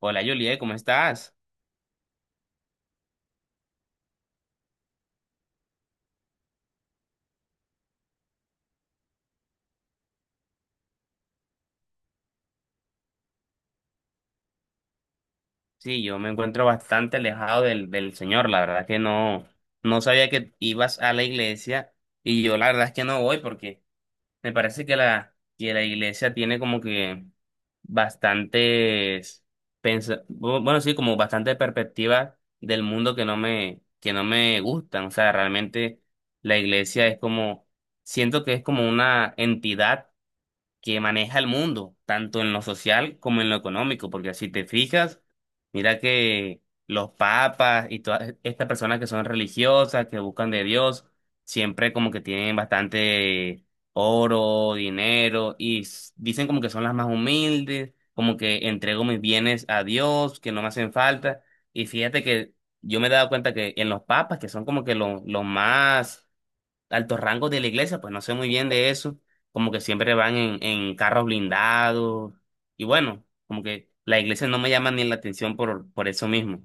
Hola Juliet, ¿cómo estás? Sí, yo me encuentro bastante alejado del Señor, la verdad que no sabía que ibas a la iglesia y yo la verdad es que no voy porque me parece que la iglesia tiene como que bastantes, bueno, sí, como bastantes perspectivas del mundo que no me gustan, o sea, realmente la iglesia es como, siento que es como una entidad que maneja el mundo, tanto en lo social como en lo económico, porque si te fijas, mira que los papas y todas estas personas que son religiosas, que buscan de Dios, siempre como que tienen bastante oro, dinero, dicen como que son las más humildes, como que entrego mis bienes a Dios, que no me hacen falta, y fíjate que yo me he dado cuenta que en los papas, que son como que los más altos rangos de la iglesia, pues no sé muy bien de eso, como que siempre van en carros blindados y bueno, como que la iglesia no me llama ni la atención por eso mismo.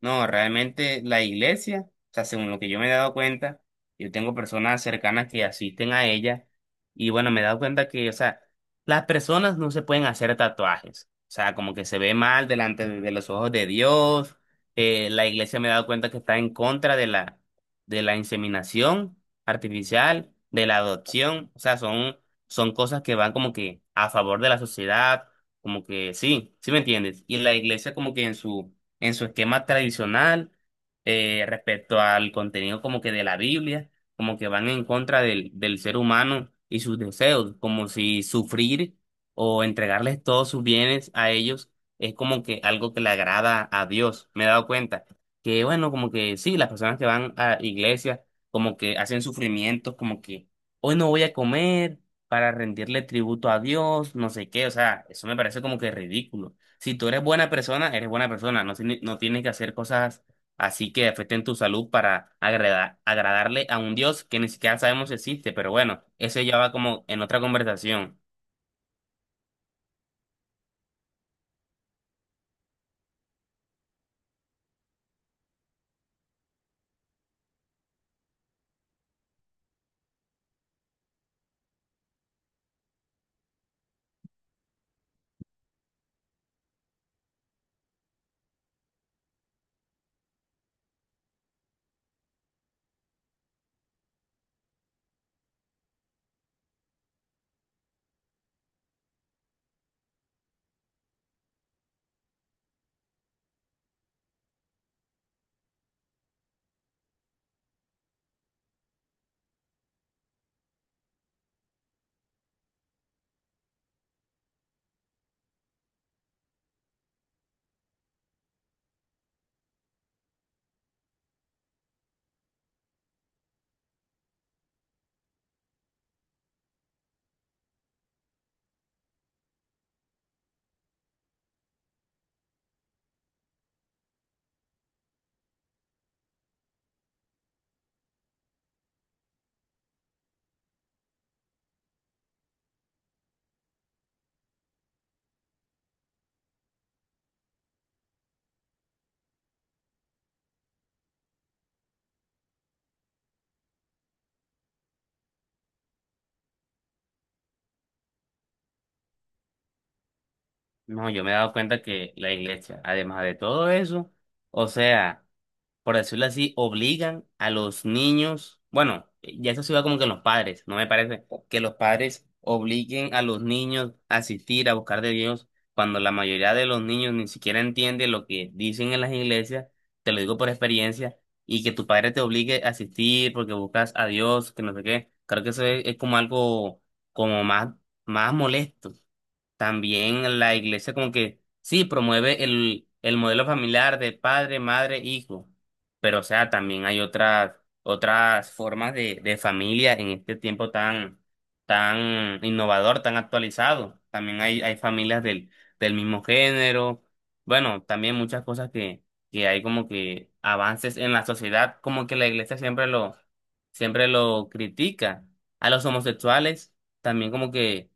No, realmente la iglesia, o sea, según lo que yo me he dado cuenta, yo tengo personas cercanas que asisten a ella y bueno, me he dado cuenta que, o sea, las personas no se pueden hacer tatuajes, o sea, como que se ve mal delante de los ojos de Dios, la iglesia me he dado cuenta que está en contra de la inseminación artificial, de la adopción, o sea, son cosas que van como que a favor de la sociedad, como que sí, ¿sí me entiendes? Y la iglesia como que en su esquema tradicional, respecto al contenido como que de la Biblia, como que van en contra del ser humano y sus deseos, como si sufrir o entregarles todos sus bienes a ellos es como que algo que le agrada a Dios. Me he dado cuenta que, bueno, como que sí, las personas que van a iglesias como que hacen sufrimientos, como que hoy no voy a comer para rendirle tributo a Dios, no sé qué, o sea, eso me parece como que ridículo. Si tú eres buena persona, eres buena persona. No, no tienes que hacer cosas así que afecten tu salud para agradarle a un Dios que ni siquiera sabemos si existe. Pero bueno, eso ya va como en otra conversación. No, yo me he dado cuenta que la iglesia, además de todo eso, o sea, por decirlo así, obligan a los niños, bueno, ya eso se va como que en los padres, no me parece que los padres obliguen a los niños a asistir a buscar de Dios cuando la mayoría de los niños ni siquiera entiende lo que dicen en las iglesias, te lo digo por experiencia, y que tu padre te obligue a asistir porque buscas a Dios, que no sé qué, creo que eso es como algo como más molesto. También la iglesia como que sí promueve el modelo familiar de padre, madre, hijo, pero o sea, también hay otras formas de familia en este tiempo tan, tan innovador, tan actualizado. También hay familias del mismo género. Bueno, también muchas cosas que hay como que avances en la sociedad, como que la iglesia siempre lo critica. A los homosexuales también como que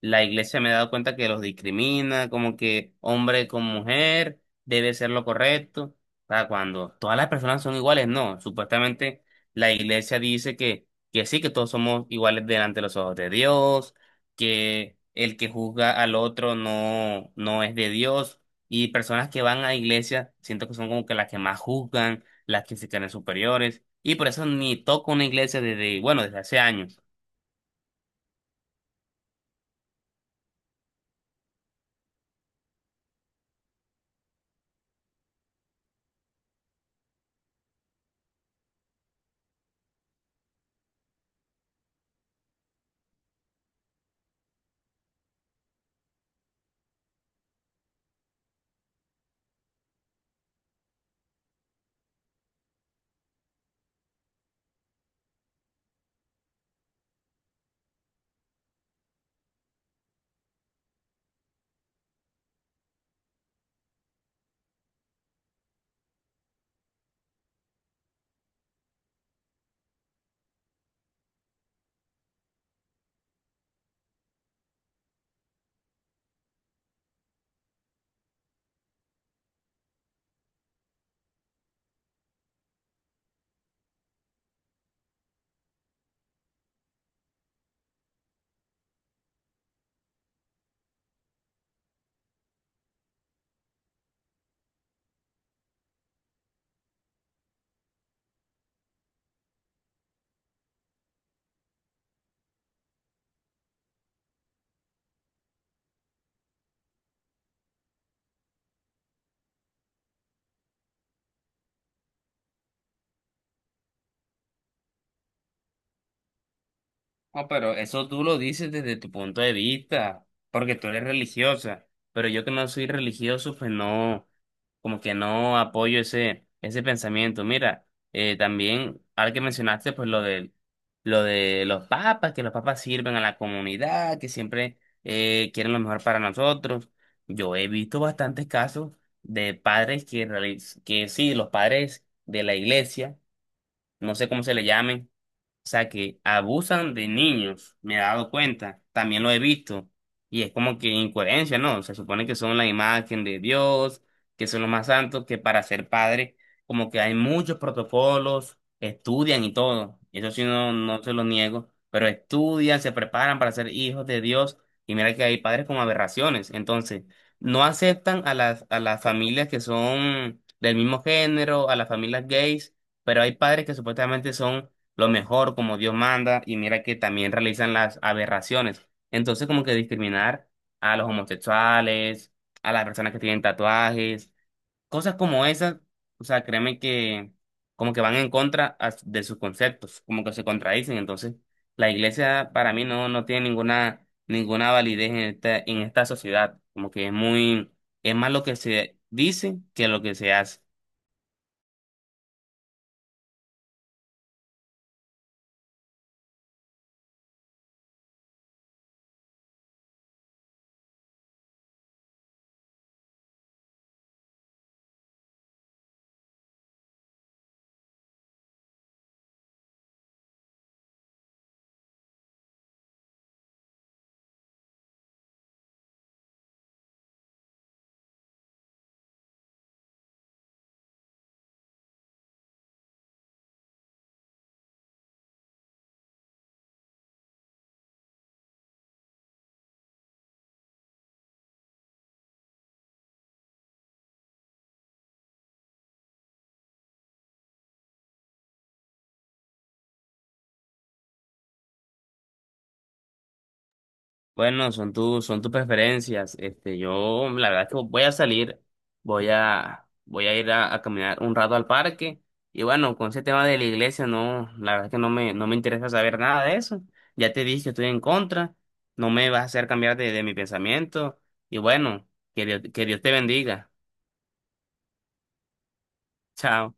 la iglesia me he dado cuenta que los discrimina, como que hombre con mujer debe ser lo correcto, para cuando todas las personas son iguales, no, supuestamente la iglesia dice que sí, que todos somos iguales delante de los ojos de Dios, que el que juzga al otro no es de Dios, y personas que van a iglesia, siento que son como que las que más juzgan, las que se creen superiores, y por eso ni toco una iglesia desde, bueno, desde hace años. No, pero eso tú lo dices desde tu punto de vista, porque tú eres religiosa, pero yo que no soy religioso, pues no, como que no apoyo ese pensamiento. Mira, también, ahora que mencionaste, pues lo de los papas, que los papas sirven a la comunidad, que siempre quieren lo mejor para nosotros. Yo he visto bastantes casos de padres que, que sí, los padres de la iglesia, no sé cómo se le llamen, o sea, que abusan de niños, me he dado cuenta, también lo he visto. Y es como que incoherencia, ¿no? Se supone que son la imagen de Dios, que son los más santos, que para ser padre, como que hay muchos protocolos, estudian y todo. Eso sí, no se lo niego, pero estudian, se preparan para ser hijos de Dios. Y mira que hay padres con aberraciones. Entonces, no aceptan a las familias que son del mismo género, a las familias gays, pero hay padres que supuestamente son lo mejor como Dios manda y mira que también realizan las aberraciones. Entonces como que discriminar a los homosexuales, a las personas que tienen tatuajes, cosas como esas, o sea, créeme que como que van en contra de sus conceptos, como que se contradicen. Entonces la iglesia para mí no, no tiene ninguna validez en esta sociedad, como que es muy, es más lo que se dice que lo que se hace. Bueno, son son tus preferencias. Este, yo, la verdad es que voy a salir, voy a ir a caminar un rato al parque. Y bueno, con ese tema de la iglesia, no, la verdad es que no me interesa saber nada de eso. Ya te dije que estoy en contra, no me vas a hacer cambiar de mi pensamiento. Y bueno, que Dios te bendiga. Chao.